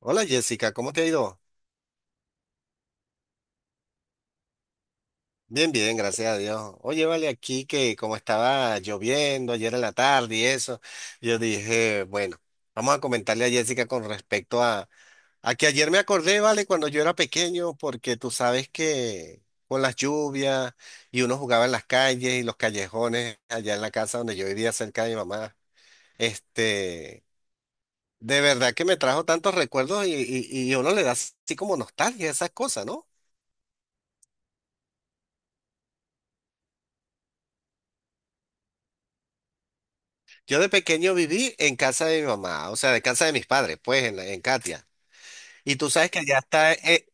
Hola Jessica, ¿cómo te ha ido? Bien, bien, gracias a Dios. Oye, vale, aquí que como estaba lloviendo ayer en la tarde y eso, yo dije, bueno, vamos a comentarle a Jessica con respecto a que ayer me acordé, vale, cuando yo era pequeño, porque tú sabes que con las lluvias y uno jugaba en las calles y los callejones allá en la casa donde yo vivía cerca de mi mamá, este, de verdad que me trajo tantos recuerdos y uno le da así como nostalgia a esas cosas, ¿no? Yo de pequeño viví en casa de mi mamá, o sea, de casa de mis padres, pues, en Katia. Y tú sabes que allá está,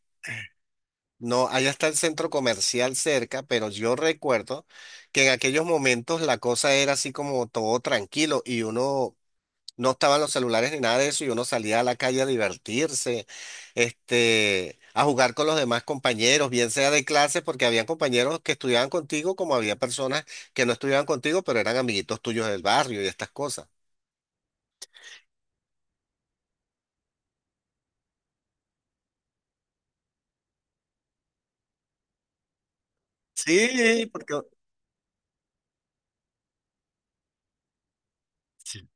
no, allá está el centro comercial cerca, pero yo recuerdo que en aquellos momentos la cosa era así como todo tranquilo y uno no estaban los celulares ni nada de eso y uno salía a la calle a divertirse, a jugar con los demás compañeros, bien sea de clase, porque habían compañeros que estudiaban contigo, como había personas que no estudiaban contigo, pero eran amiguitos tuyos del barrio y estas cosas. Sí, porque sí.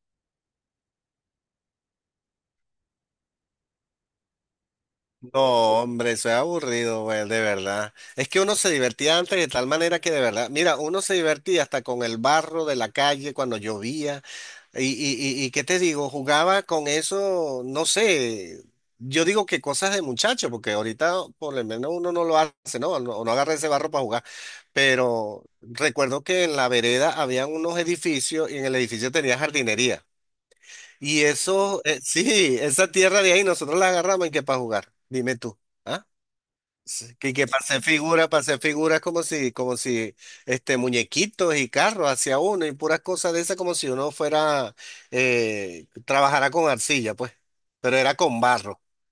No, hombre, eso es aburrido, güey, de verdad. Es que uno se divertía antes de tal manera que de verdad, mira, uno se divertía hasta con el barro de la calle cuando llovía. Y qué te digo, jugaba con eso, no sé, yo digo que cosas de muchacho, porque ahorita por lo menos uno no lo hace, ¿no? No, no agarra ese barro para jugar. Pero recuerdo que en la vereda habían unos edificios y en el edificio tenía jardinería. Y eso, sí, esa tierra de ahí nosotros la agarramos y que para jugar, dime tú. ¿Ah? Sí, que para hacer figuras como si muñequitos y carros hacia uno y puras cosas de esas como si uno fuera, trabajara con arcilla, pues, pero era con barro.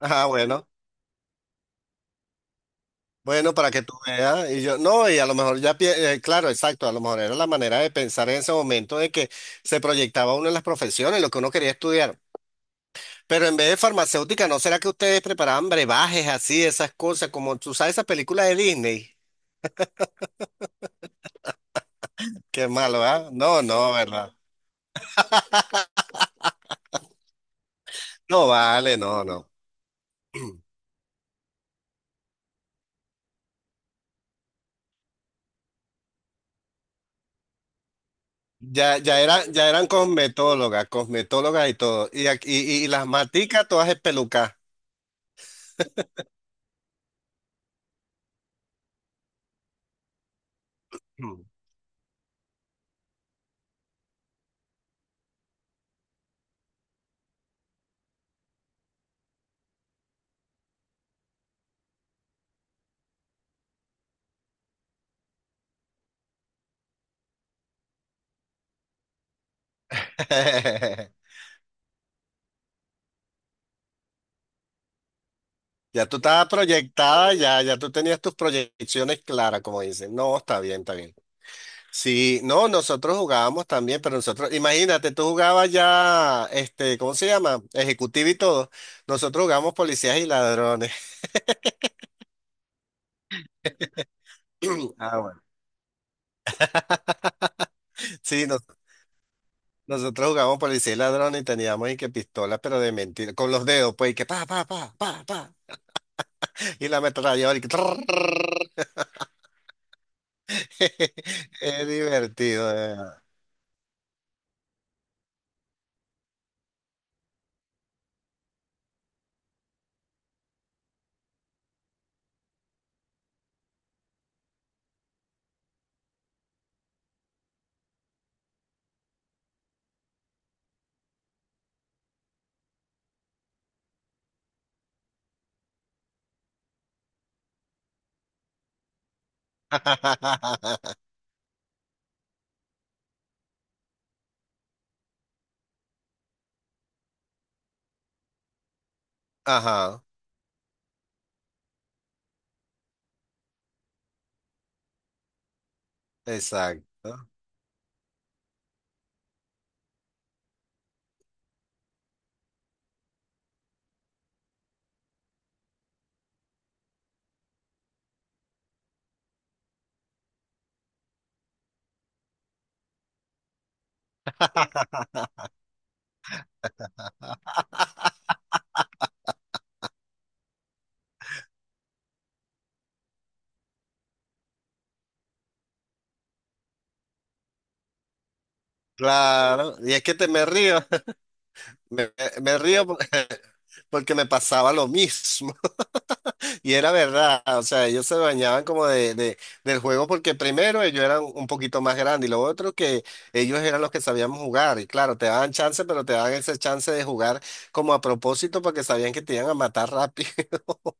Ah, bueno, bueno, para que tú veas. Y yo, no, y a lo mejor ya, claro, exacto, a lo mejor era la manera de pensar en ese momento de que se proyectaba uno en las profesiones, lo que uno quería estudiar. Pero en vez de farmacéutica, ¿no será que ustedes preparaban brebajes así, esas cosas, como tú sabes esa película de Disney? Qué malo, ¿ah? No, no, ¿verdad? No vale, no, no. Ya eran cosmetólogas, cosmetólogas y todo. Y las maticas todas espelucas. Mm. Ya tú estabas proyectada, ya tú tenías tus proyecciones claras, como dicen. No, está bien, está bien. Sí, no, nosotros jugábamos también, pero nosotros, imagínate, tú jugabas ya, ¿cómo se llama? Ejecutivo y todo. Nosotros jugábamos policías y ladrones. Ah, bueno. Sí, nosotros jugábamos policía y ladrones y teníamos y que pistolas, pero de mentira, con los dedos, pues, y que pa, pa, pa, pa, pa. Y la ametralladora y que trrrr. Es divertido, de verdad. Ajá, exacto. Claro, y es que te me río, me, me río. Porque me pasaba lo mismo. Y era verdad, o sea, ellos se bañaban como del juego porque primero ellos eran un poquito más grandes y lo otro que ellos eran los que sabíamos jugar. Y claro, te daban chance, pero te daban ese chance de jugar como a propósito porque sabían que te iban a matar rápido.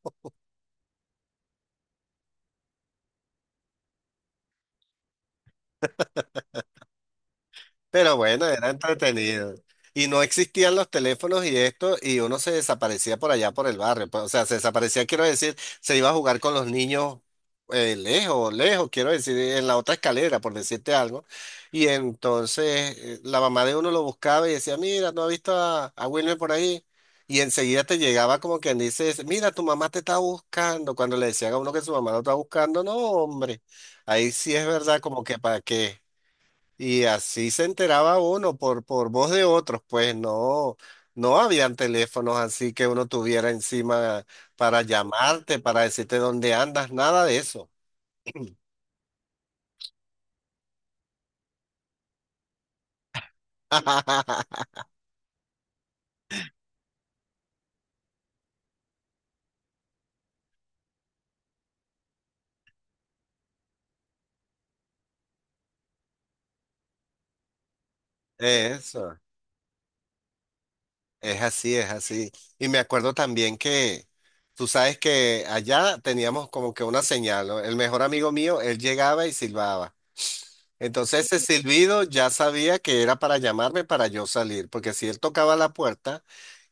Pero bueno, era entretenido. Y no existían los teléfonos y esto, y uno se desaparecía por allá por el barrio, pues, o sea, se desaparecía, quiero decir, se iba a jugar con los niños lejos, lejos, quiero decir, en la otra escalera, por decirte algo. Y entonces la mamá de uno lo buscaba y decía, mira, ¿no has visto a, Wilmer por ahí? Y enseguida te llegaba como quien dice, mira, tu mamá te está buscando. Cuando le decían a uno que su mamá lo está buscando, no, hombre, ahí sí es verdad, como que para qué. Y así se enteraba uno por voz de otros, pues no, no habían teléfonos así que uno tuviera encima para llamarte, para decirte dónde andas, nada de eso. Eso, es así, es así. Y me acuerdo también que tú sabes que allá teníamos como que una señal, ¿no? El mejor amigo mío, él llegaba y silbaba. Entonces ese silbido ya sabía que era para llamarme para yo salir, porque si él tocaba la puerta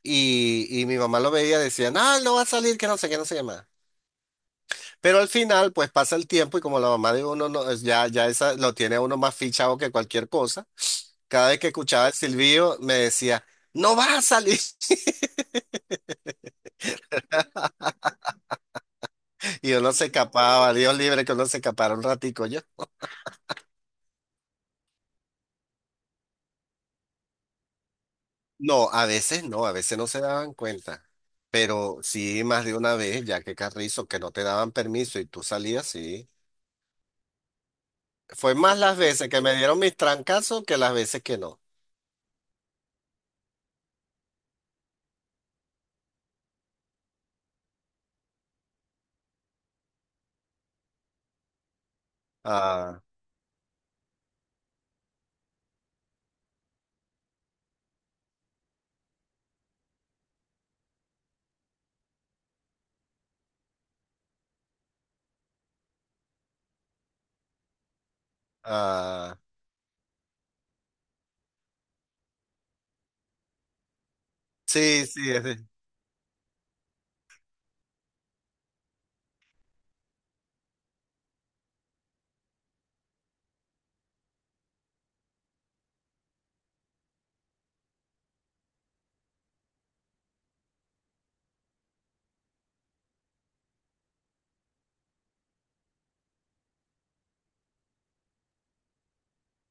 y mi mamá lo veía, decía, no, él no va a salir, que no sé qué, no sé qué más. Pero al final, pues pasa el tiempo y como la mamá de uno no, ya esa, lo tiene a uno más fichado que cualquier cosa, cada vez que escuchaba el silbido me decía, no vas a salir. Y uno se escapaba, Dios libre que uno se escapara un ratico yo. No, a veces no, a veces no se daban cuenta, pero sí más de una vez, ya que Carrizo, que no te daban permiso y tú salías, sí. Fue más las veces que me dieron mis trancazos que las veces que no. Ah, ah, sí, sí,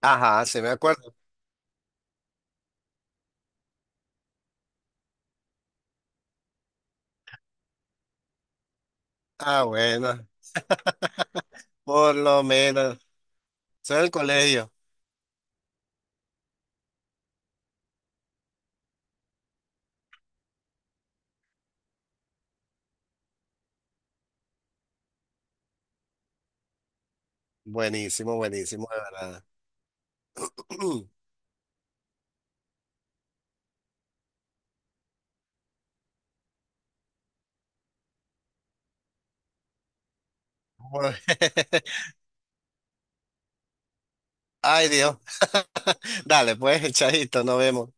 ajá, se me acuerdo. Ah, bueno, por lo menos. Soy del colegio. Buenísimo, buenísimo, de verdad. Bueno, Ay, Dios. Dale, pues, echadito, nos vemos.